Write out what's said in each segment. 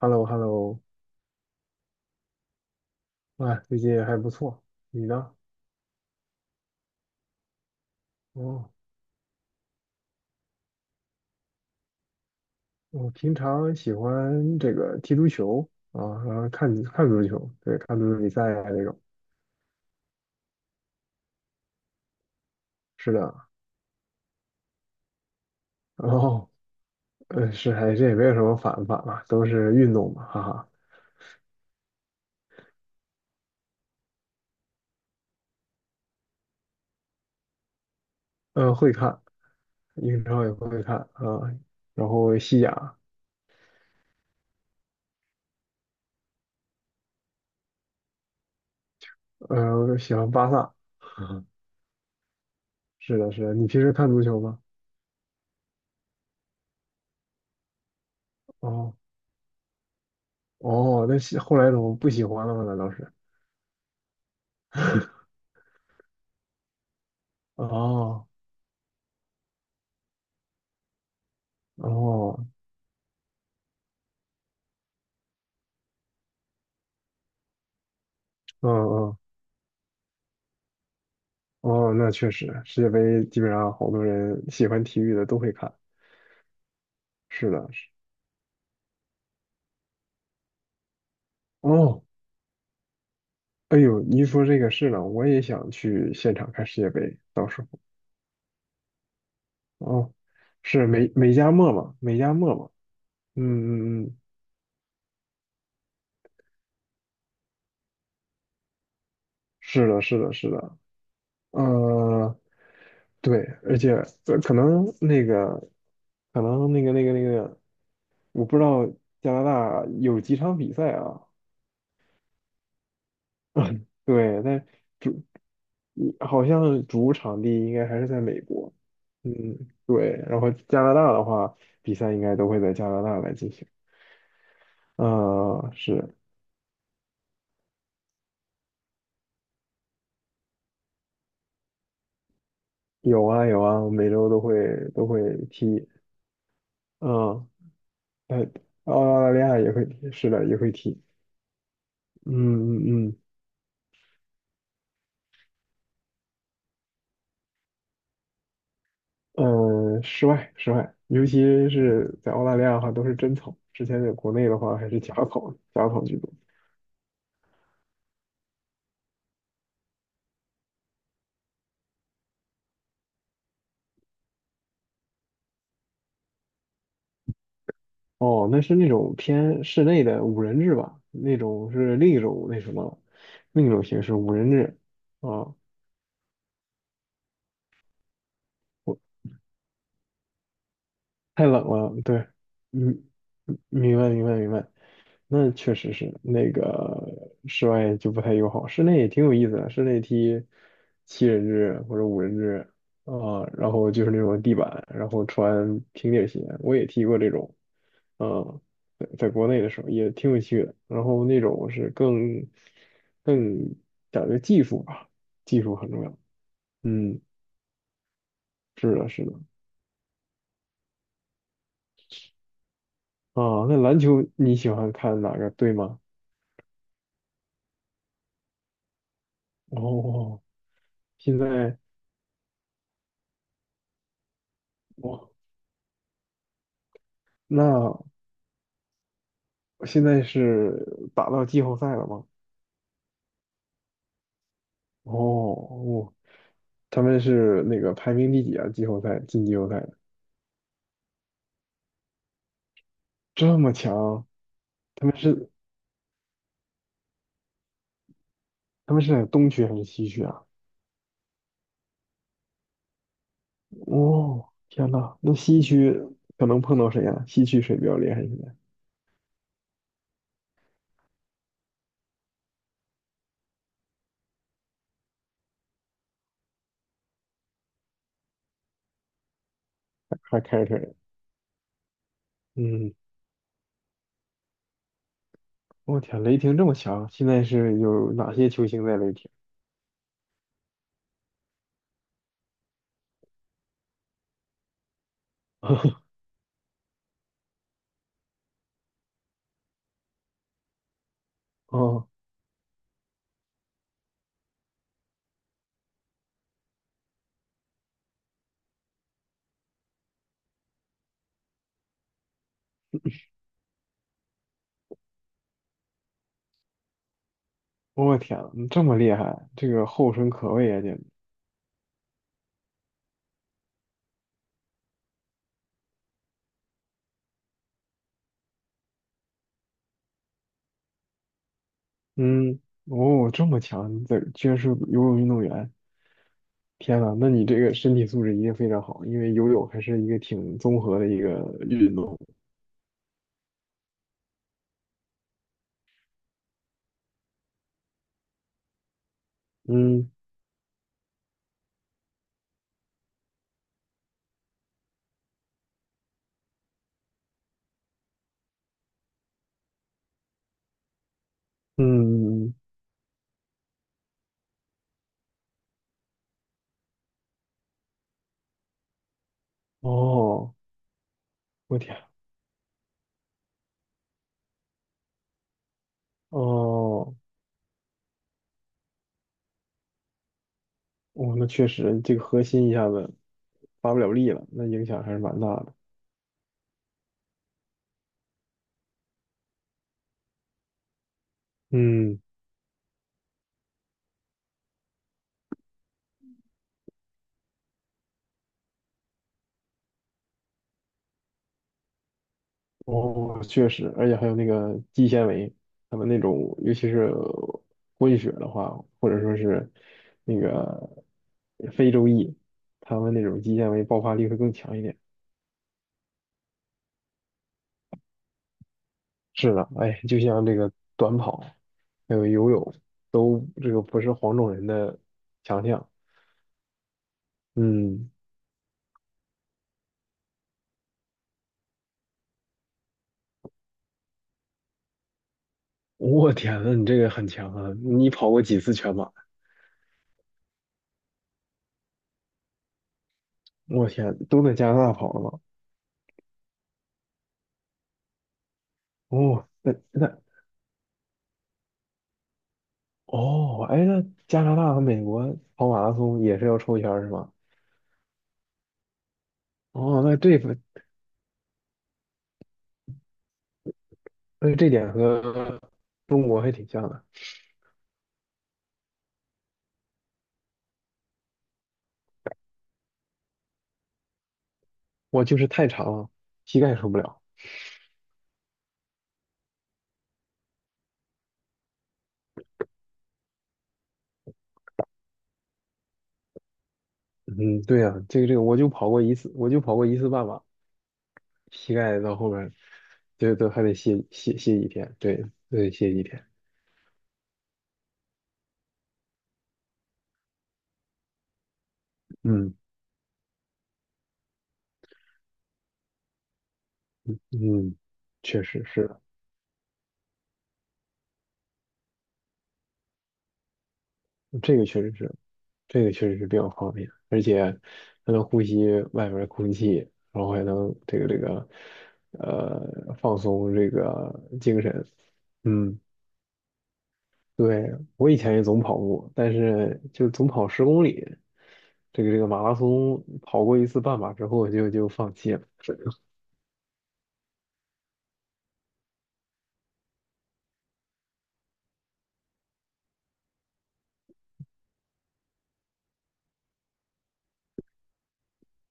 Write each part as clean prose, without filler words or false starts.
h e l l o h e l l o 啊，最近还不错，你呢？哦，我平常喜欢这个踢足球啊，然后看看足球，对，看足球比赛啊这种。是的，然后是，还这也没有什么反不反吧，都是运动嘛，哈哈。会看英超也会看啊，然后西甲，喜欢巴萨。是的，是的，你平时看足球吗？哦哦，那后来怎么不喜欢了吗？难道是？哦哦，嗯嗯哦，那确实，世界杯基本上好多人喜欢体育的都会看。是的，是。哦，哎呦，你一说这个是呢，我也想去现场看世界杯，到时候。哦，是美加墨嘛，美加墨嘛。嗯嗯嗯，是的，是的，是的。呃，对，而且可能那个，可能那个那个那个，我不知道加拿大有几场比赛啊。对，但主好像主场地应该还是在美国，嗯，对。然后加拿大的话，比赛应该都会在加拿大来进行。啊，是有啊有啊，我每周都会都会踢，嗯，哎澳大利亚也会踢，是的，也会踢。嗯嗯嗯，室外室外，尤其是在澳大利亚的话，都是真草。之前在国内的话，还是假草，假草居多。哦，那是那种偏室内的五人制吧，那种是另一种那什么了另一种形式五人制啊，我太冷了，对，嗯嗯明白明白明白，那确实是那个室外就不太友好，室内也挺有意思的，室内踢七人制或者五人制啊，然后就是那种地板，然后穿平底鞋，我也踢过这种，嗯，在国内的时候也挺有趣的。然后那种是更更讲究技术吧，技术很重要。嗯，是的，是的。啊，那篮球你喜欢看哪个队吗？哦，现在哦，那现在是打到季后赛了吗？哦哦，他们是那个排名第几啊？季后赛进季后赛的这么强，他们是在东区还是西区啊？哦，天呐，那西区可能碰到谁呀、西区谁比较厉害？现在还开着车呢。嗯，我天，雷霆这么强，现在是有哪些球星在雷霆？哦，我天，这么厉害，这个后生可畏啊，简直。嗯，哦，这么强，这居然是游泳运动员。天呐，那你这个身体素质一定非常好，因为游泳还是一个挺综合的一个运动。嗯嗯，嗯哦，我天，哦。哦，那确实，这个核心一下子发不了力了，那影响还是蛮大的。嗯，哦，确实，而且还有那个肌纤维，他们那种，尤其是混血的话，或者说是那个非洲裔，他们那种肌纤维爆发力会更强一点。是的，哎，就像这个短跑，还有游泳，都这个不是黄种人的强项。嗯，我天呐，你这个很强啊！你跑过几次全马？我天，都在加拿大跑了吗？哦，那哦，哎，那加拿大和美国跑马拉松也是要抽签儿是吧？哦，那这份那这点和中国还挺像的。我就是太长了，膝盖受不了。嗯，对呀、这个，我就跑过一次半马，膝盖到后边儿就都还得歇几天，对，都得歇几天。嗯嗯，确实是的这个确实是。这个确实是比较方便，而且还能呼吸外面的空气，然后还能放松这个精神。嗯，对，我以前也总跑步，但是就总跑十公里，这个马拉松跑过一次半马之后就放弃了。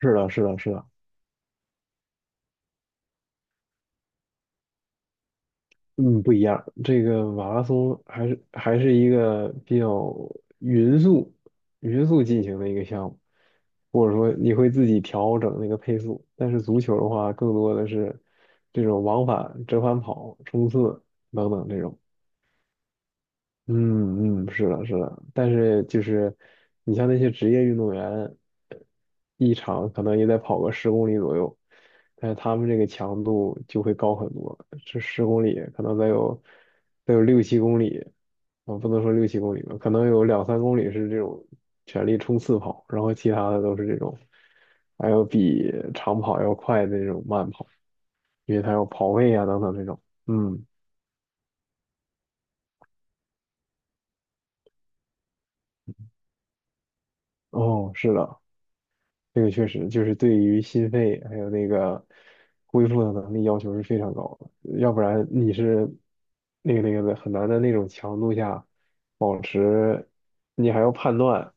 是的，是的，是的。嗯，不一样。这个马拉松还是一个比较匀速、匀速进行的一个项目，或者说你会自己调整那个配速。但是足球的话，更多的是这种往返、折返跑、冲刺等等这种。嗯嗯，是的，是的，但是就是你像那些职业运动员，一场可能也得跑个十公里左右，但是他们这个强度就会高很多，这十公里可能得有六七公里，啊，不能说六七公里吧，可能有两三公里是这种全力冲刺跑，然后其他的都是这种还有比长跑要快的那种慢跑，因为他有跑位啊等等这种，嗯，哦，是的，这个确实就是对于心肺还有那个恢复的能力要求是非常高的，要不然你是那个的很难的那种强度下保持，你还要判断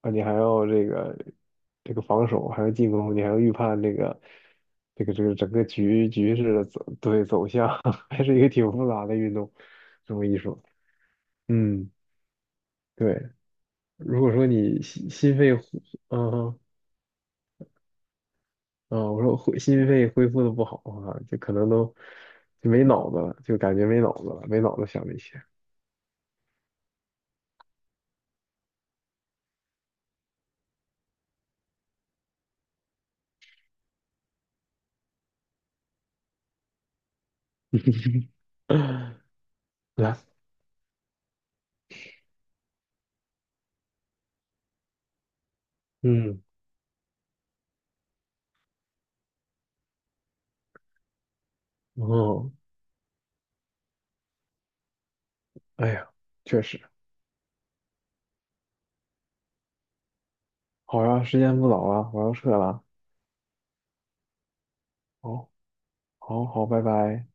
啊，你还要这个防守，还要进攻，你还要预判这个整个局势的走向，还是一个挺复杂的运动，这么一说，嗯，对，如果说你心肺，嗯。啊、我说心肺恢复的不好啊，就可能都就没脑子了，就感觉没脑子了，没脑子想这些。来，嗯，哦，哎呀，确实，好呀，时间不早了，我要撤了，好，好，好，拜拜。